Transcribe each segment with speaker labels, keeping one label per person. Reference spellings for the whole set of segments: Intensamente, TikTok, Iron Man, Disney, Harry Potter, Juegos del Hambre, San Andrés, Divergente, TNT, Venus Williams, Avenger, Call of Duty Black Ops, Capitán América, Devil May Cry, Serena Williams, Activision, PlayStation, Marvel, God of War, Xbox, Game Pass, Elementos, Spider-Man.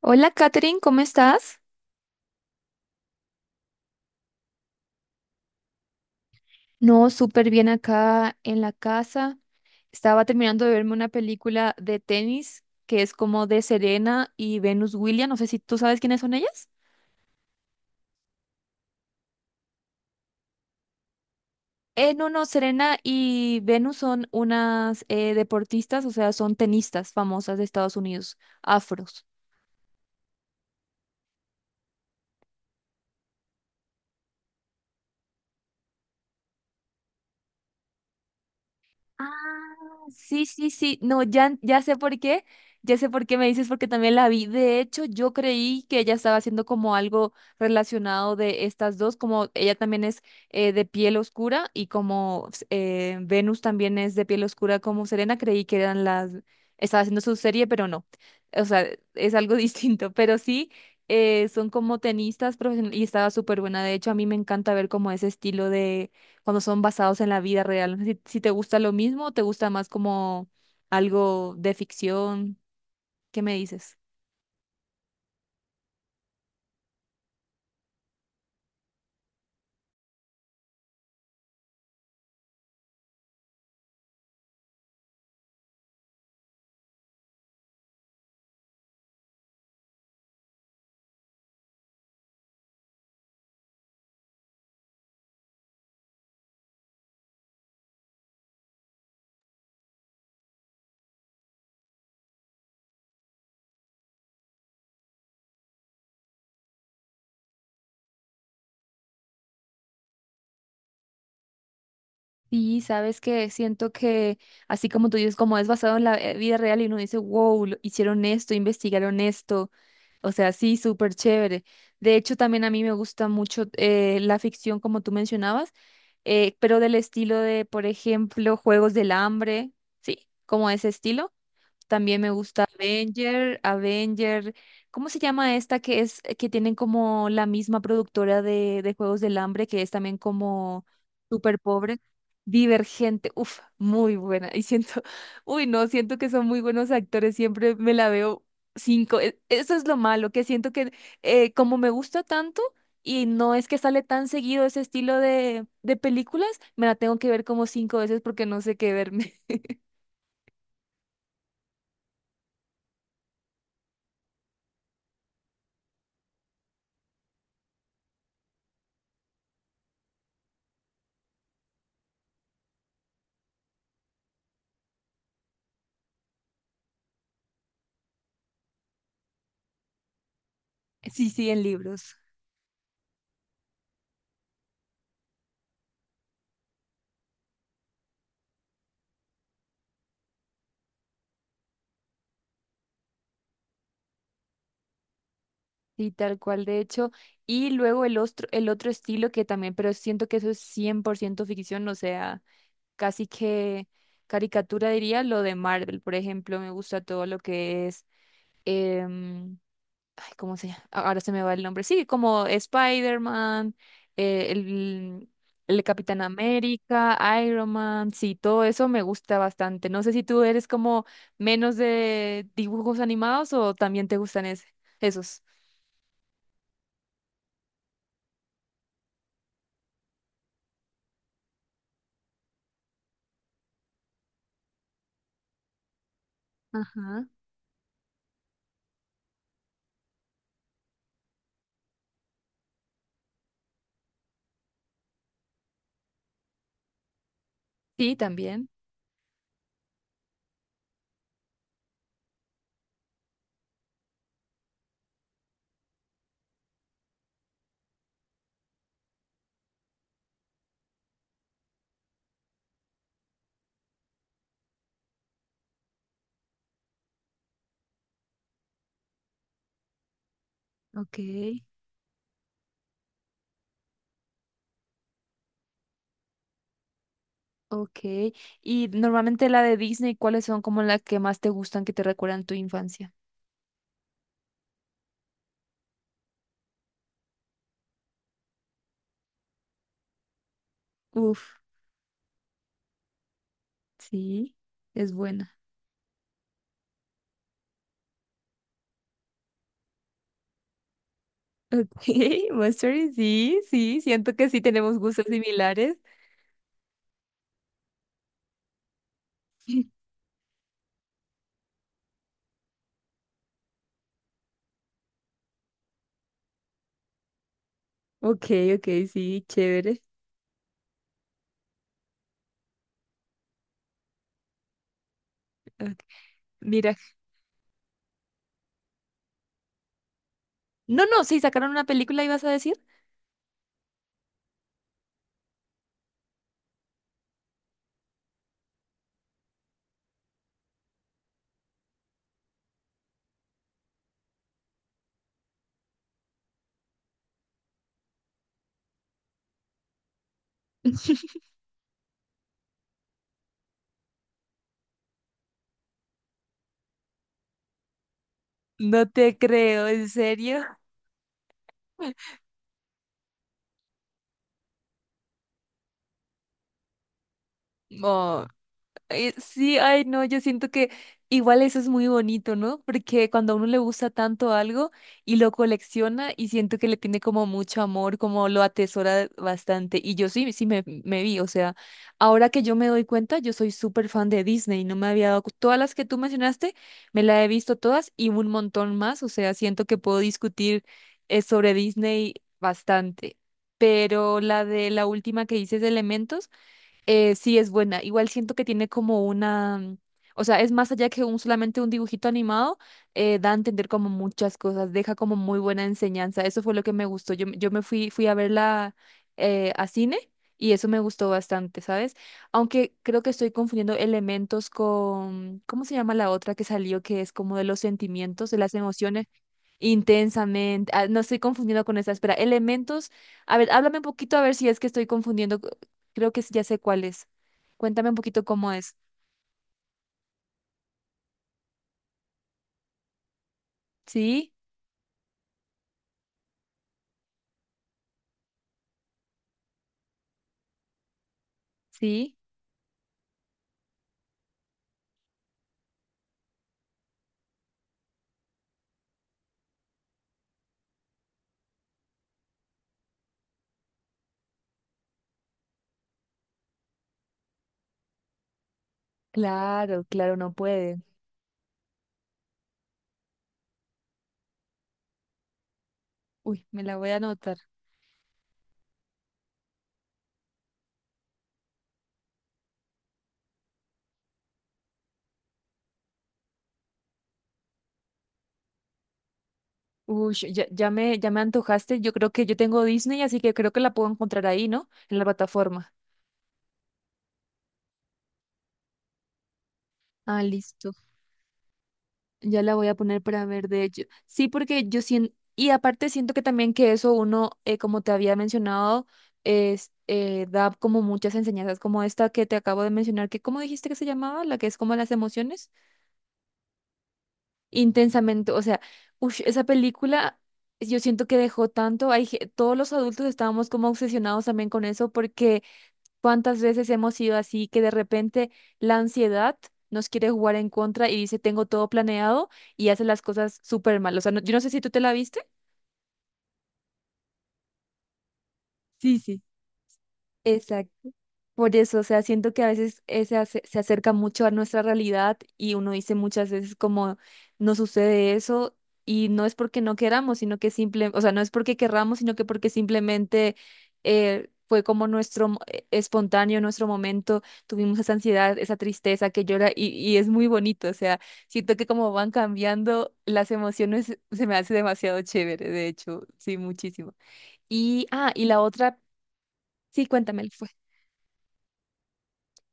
Speaker 1: Hola, Katherine, ¿cómo estás? No, súper bien acá en la casa. Estaba terminando de verme una película de tenis que es como de Serena y Venus Williams. No sé si tú sabes quiénes son ellas. No, Serena y Venus son unas deportistas, o sea, son tenistas famosas de Estados Unidos, afros. Ah, sí, sí, sí. No, ya sé por qué. Ya sé por qué me dices, porque también la vi. De hecho, yo creí que ella estaba haciendo como algo relacionado de estas dos, como ella también es de piel oscura y como Venus también es de piel oscura como Serena, creí que eran las. Estaba haciendo su serie, pero no. O sea, es algo distinto, pero sí. Son como tenistas profesionales y estaba súper buena. De hecho, a mí me encanta ver como ese estilo de cuando son basados en la vida real. No sé si te gusta lo mismo o te gusta más como algo de ficción, ¿qué me dices? Sí, sabes que siento que así como tú dices, como es basado en la vida real y uno dice, wow, hicieron esto, investigaron esto. O sea, sí, súper chévere. De hecho, también a mí me gusta mucho la ficción, como tú mencionabas, pero del estilo de, por ejemplo, Juegos del Hambre, sí, como ese estilo. También me gusta Avenger. ¿Cómo se llama esta que es que tienen como la misma productora de Juegos del Hambre, que es también como súper pobre? Divergente, uf, muy buena. Y siento, uy, no, siento que son muy buenos actores, siempre me la veo cinco. Eso es lo malo, que siento que como me gusta tanto y no es que sale tan seguido ese estilo de películas, me la tengo que ver como cinco veces porque no sé qué verme. Sí, sí, en libros. Sí, tal cual, de hecho. Y luego el otro estilo que también, pero siento que eso es 100% ficción, o sea, casi que caricatura diría lo de Marvel, por ejemplo, me gusta todo lo que es, em, ay, ¿cómo se llama? Ahora se me va el nombre, sí, como Spider-Man, eh, el, el Capitán América, Iron Man, sí, todo eso me gusta bastante. No sé si tú eres como menos de dibujos animados o también te gustan esos. Ajá. Sí, también. Ok, ok. Y normalmente la de Disney, ¿cuáles son como las que más te gustan que te recuerdan tu infancia? Uf, sí, es buena. Ok, Monster, sí, sí, siento que sí tenemos gustos similares. Ok, ok, sí, chévere. Ok, mira, no, no, sí, sacaron una película, ¿ibas a decir? No te creo, ¿en serio? No, sí, ay, no, yo siento que igual eso es muy bonito, ¿no? Porque cuando a uno le gusta tanto algo y lo colecciona y siento que le tiene como mucho amor, como lo atesora bastante. Y yo sí, me vi, o sea, ahora que yo me doy cuenta, yo soy súper fan de Disney, no me había dado, todas las que tú mencionaste, me las he visto todas y un montón más, o sea, siento que puedo discutir sobre Disney bastante. Pero la de la última que dices de Elementos. Sí, es buena. Igual siento que tiene como una, o sea, es más allá que un, solamente un dibujito animado, da a entender como muchas cosas, deja como muy buena enseñanza. Eso fue lo que me gustó. Yo fui a verla a cine y eso me gustó bastante, ¿sabes? Aunque creo que estoy confundiendo elementos con, ¿cómo se llama la otra que salió que es como de los sentimientos, de las emociones? Intensamente, ah, no estoy confundiendo con esa, espera, elementos, a ver, háblame un poquito a ver si es que estoy confundiendo. Creo que ya sé cuál es. Cuéntame un poquito cómo es. ¿Sí? ¿Sí? Claro, claro, no puede. Uy, me la voy a anotar. Uy, ya me antojaste. Yo creo que yo tengo Disney, así que creo que la puedo encontrar ahí, ¿no? En la plataforma. Ah, listo. Ya la voy a poner para ver, de hecho. Sí, porque yo siento, y aparte siento que también que eso uno, como te había mencionado, es, da como muchas enseñanzas como esta que te acabo de mencionar, que ¿cómo dijiste que se llamaba? La que es como las emociones. Intensamente. O sea, ush, esa película yo siento que dejó tanto. Hay, todos los adultos estábamos como obsesionados también con eso porque cuántas veces hemos sido así que de repente la ansiedad nos quiere jugar en contra y dice tengo todo planeado y hace las cosas súper mal. O sea, yo no sé si tú te la viste. Sí, sí. Exacto. Por eso, o sea, siento que a veces se acerca mucho a nuestra realidad y uno dice muchas veces como no sucede eso y no es porque no queramos, sino que simple, o sea, no es porque querramos, sino que porque simplemente fue como nuestro espontáneo, nuestro momento, tuvimos esa ansiedad, esa tristeza que llora y es muy bonito, o sea, siento que como van cambiando las emociones, se me hace demasiado chévere, de hecho, sí, muchísimo. Y, ah, y la otra, sí, cuéntame.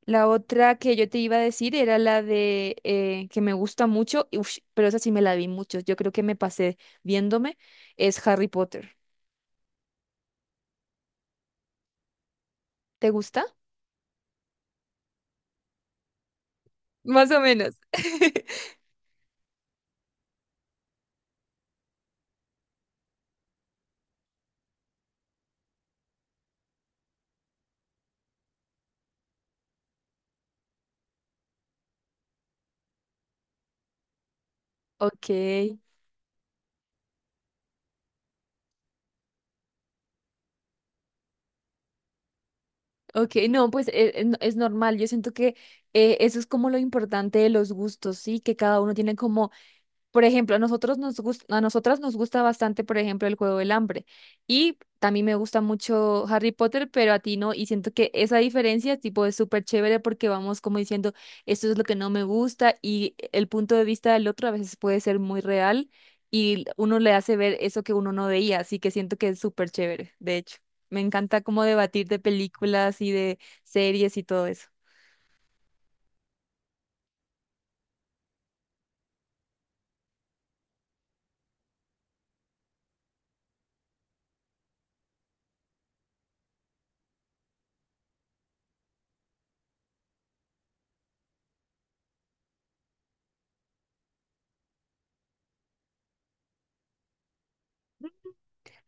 Speaker 1: La otra que yo te iba a decir era la de que me gusta mucho, y ush, pero esa sí me la vi mucho. Yo creo que me pasé viéndome, es Harry Potter. ¿Te gusta? Más o menos. Ok, ok, no, pues es normal. Yo siento que eso es como lo importante de los gustos, ¿sí? Que cada uno tiene como. Por ejemplo, a nosotros a nosotras nos gusta bastante, por ejemplo, el Juego del Hambre. Y también me gusta mucho Harry Potter, pero a ti no. Y siento que esa diferencia, tipo, es súper chévere porque vamos como diciendo, esto es lo que no me gusta y el punto de vista del otro a veces puede ser muy real y uno le hace ver eso que uno no veía. Así que siento que es súper chévere, de hecho. Me encanta como debatir de películas y de series y todo eso.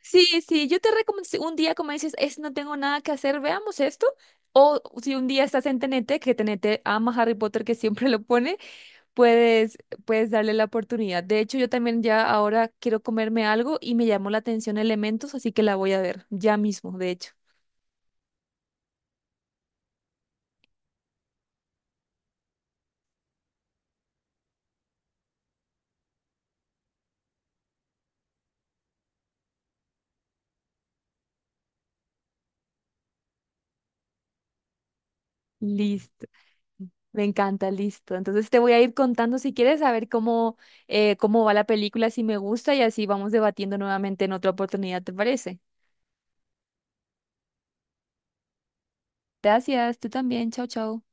Speaker 1: Sí, sí, yo te recomiendo, si un día como dices, es, no tengo nada que hacer, veamos esto. O si un día estás en TNT que TNT ama Harry Potter, que siempre lo pone, puedes, puedes darle la oportunidad. De hecho, yo también ya ahora quiero comerme algo y me llamó la atención Elementos, así que la voy a ver ya mismo, de hecho. Listo, me encanta, listo. Entonces te voy a ir contando si quieres saber cómo, cómo va la película, si me gusta y así vamos debatiendo nuevamente en otra oportunidad, ¿te parece? Gracias, tú también, chao, chao.